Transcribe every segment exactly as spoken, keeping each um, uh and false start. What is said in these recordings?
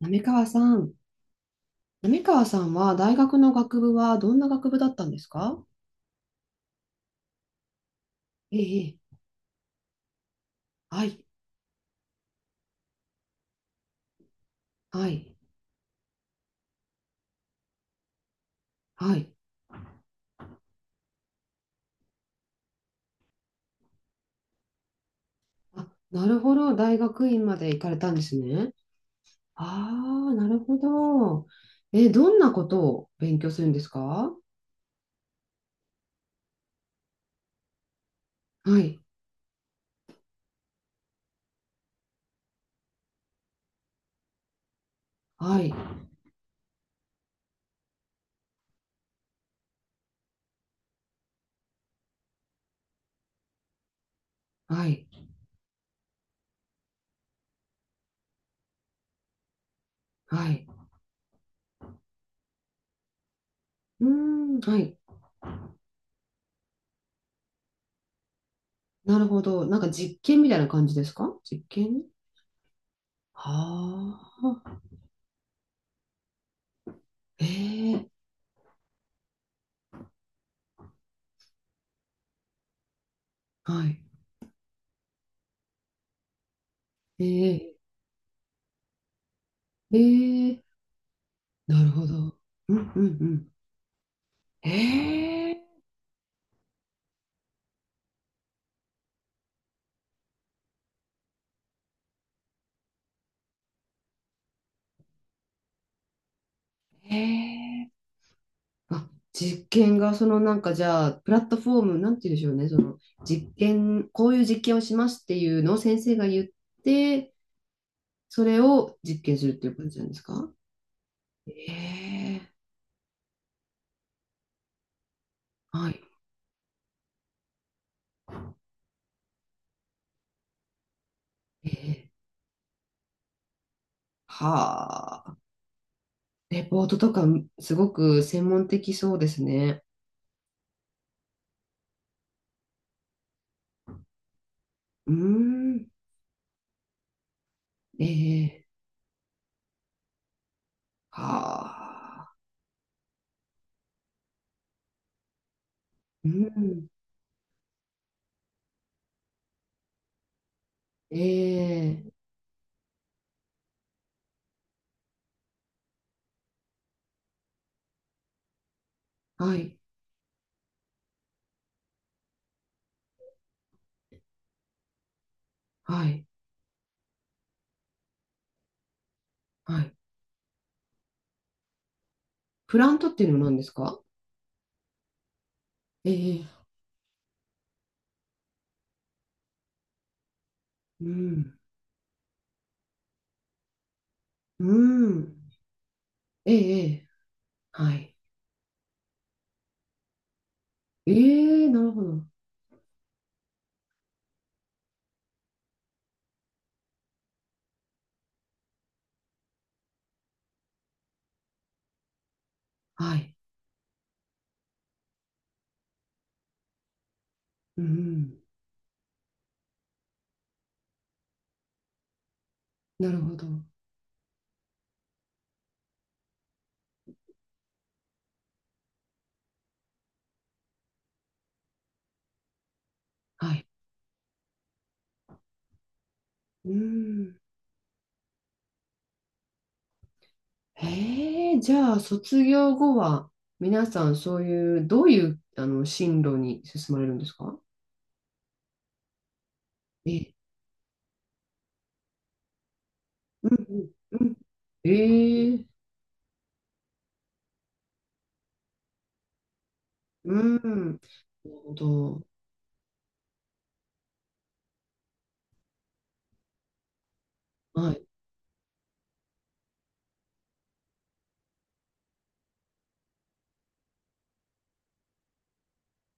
滑川さん、滑川さんは大学の学部はどんな学部だったんですか？ええ、はい、はい、はい。あ、なるほど、大学院まで行かれたんですね。ああ、なるほど。え、どんなことを勉強するんですか？はい、はい、はい、はい。うーん、はい。なるほど。なんか実験みたいな感じですか？実験。ああー、ええ、はい。ええ、ええ、なるほど。うん、うん、うん。ええ。ええ。あ、実験が、そのなんかじゃあ、プラットフォーム、なんて言うんでしょうね、その実験、こういう実験をしますっていうのを先生が言って、それを実験するっていう感じなんですか？ええ。はい。ええ。はあ、レポートとか、すごく専門的そうですね。うーん、ええ。はあ、うん、ええ。はい、はい、はい。プラントっていうのは何ですか？ええ。うん。うん。ええ、ええ。はい。ええ、なるほど。はい。うん。なるほど。はい。うん。ええ、じゃあ、卒業後は、皆さん、そういう、どういう、あの、進路に進まれるんですか？ええ。うん、うん、うん。ええ、うん。なるほど。はい。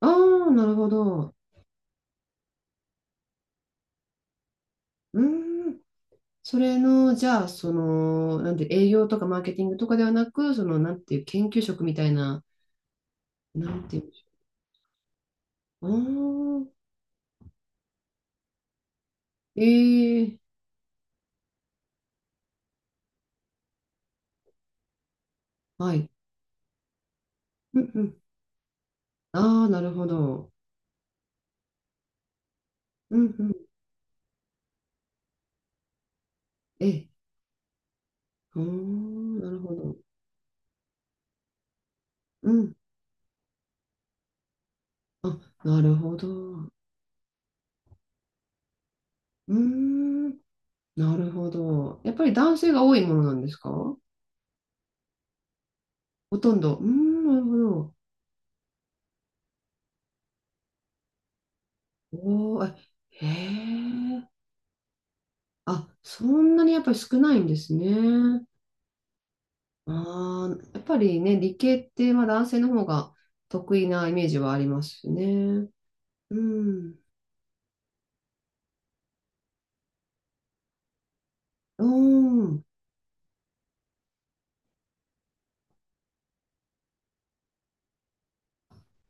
ああ、なるほど。うん。それの、じゃあ、その、なんて、営業とかマーケティングとかではなく、その、なんていう、研究職みたいな、なんていうの。ああ、ええ。はい。うんうん。ああ、なるほど。うんうん。ええ。ああ、なるほど。うん。あ、なるほど。うーん。なるほど。やっぱり男性が多いものなんですか？ほとんど。うーん、なるほど。おお、え、へえ。あ、そんなにやっぱり少ないんですね。ああ、やっぱりね、理系ってまあ男性の方が得意なイメージはありますね。うん。うーん、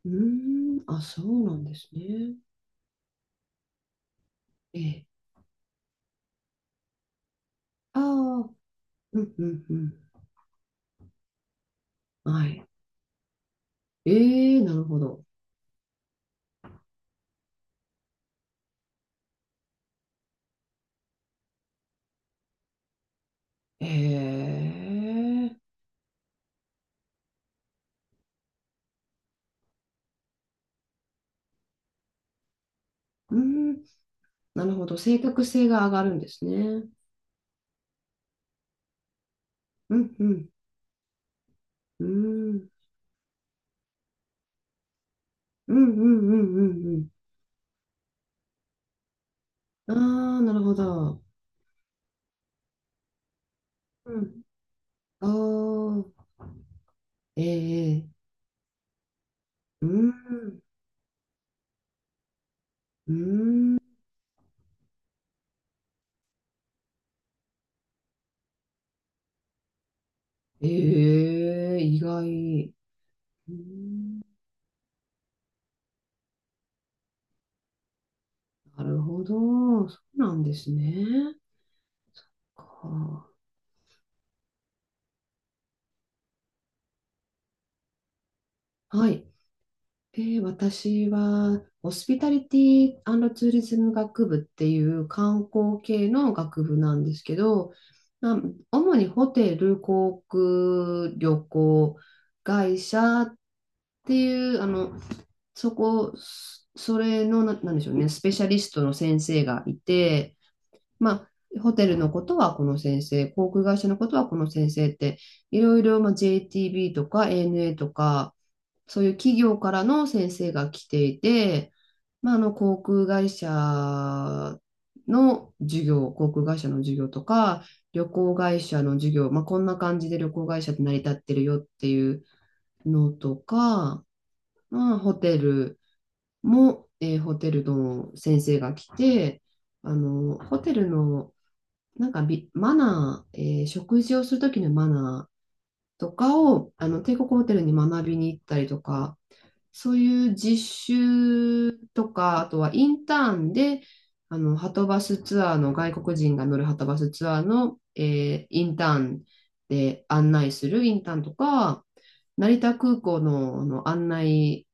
うーん、あ、そうなんですね。ええ。ああ、うん、うん、うん。はい。ええ、なるほど。ええ、うん、なるほど。正確性が上がるんですね。うん、うん、うん、うん、うん、うん、うん。うん。ああ、なるほど。うん。ああ、ええ、うん、うん。ええ、意外。うん。なるほど。そうなんですね。はあー、はい。で、私は、ホスピタリティツーリズム学部っていう観光系の学部なんですけど、まあ、主にホテル、航空、旅行、会社っていう、あの、そこ、そそれの、な、なんでしょうね、スペシャリストの先生がいて、まあ、ホテルのことはこの先生、航空会社のことはこの先生って、いろいろ、まあ、ジェイティービー とか エーエヌエー とか、そういう企業からの先生が来ていて、まあ、あの航空会社の授業、航空会社の授業とか、旅行会社の授業、まあ、こんな感じで旅行会社って成り立ってるよっていうのとか、まあ、ホテルも、えーホテルの先生が来て、あのホテルのなんかビマナー、えー食事をするときのマナーとかをあの帝国ホテルに学びに行ったりとか、そういう実習とか、あとはインターンで、あの、はとバスツアーの、外国人が乗るはとバスツアーの、えーインターンで案内するインターンとか、成田空港の、あの案内、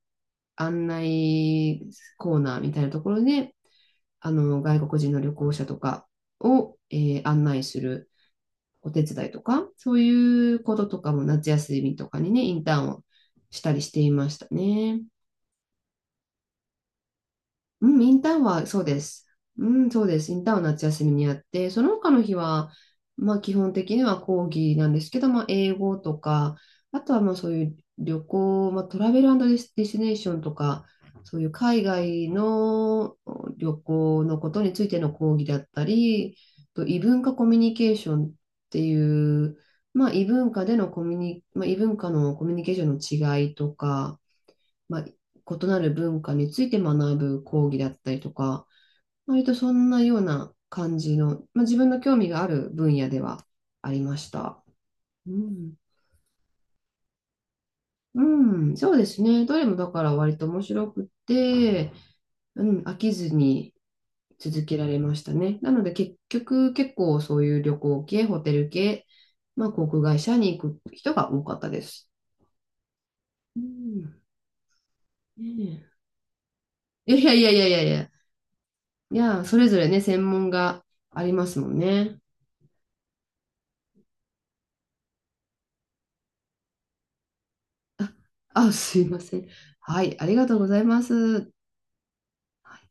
案内コーナーみたいなところで、あの、外国人の旅行者とかを、えー案内するお手伝いとか、そういうこととかも夏休みとかにね、インターンをしたりしていましたね。うん、インターンはそうです。うん、そうです。インターンは夏休みにやって、その他の日は、まあ基本的には講義なんですけど、まあ英語とか、あとはまあそういう旅行、まあトラベルディスディスティネーションとか、そういう海外の旅行のことについての講義だったり、と異文化コミュニケーションっていう、まあ異文化でのコミュニ、まあ異文化のコミュニケーションの違いとか、まあ、異なる文化について学ぶ講義だったりとか、割とそんなような感じの、まあ、自分の興味がある分野ではありました。うん、うん、そうですね。どれもだから割と面白くて、うん、飽きずに続けられましたね。なので結局結構そういう旅行系、ホテル系、まあ、航空会社に行く人が多かったです。うん、ねえ。いやいやいやいやいやいや、いや、それぞれね、専門がありますもんね。あ、すいません。はい、ありがとうございます。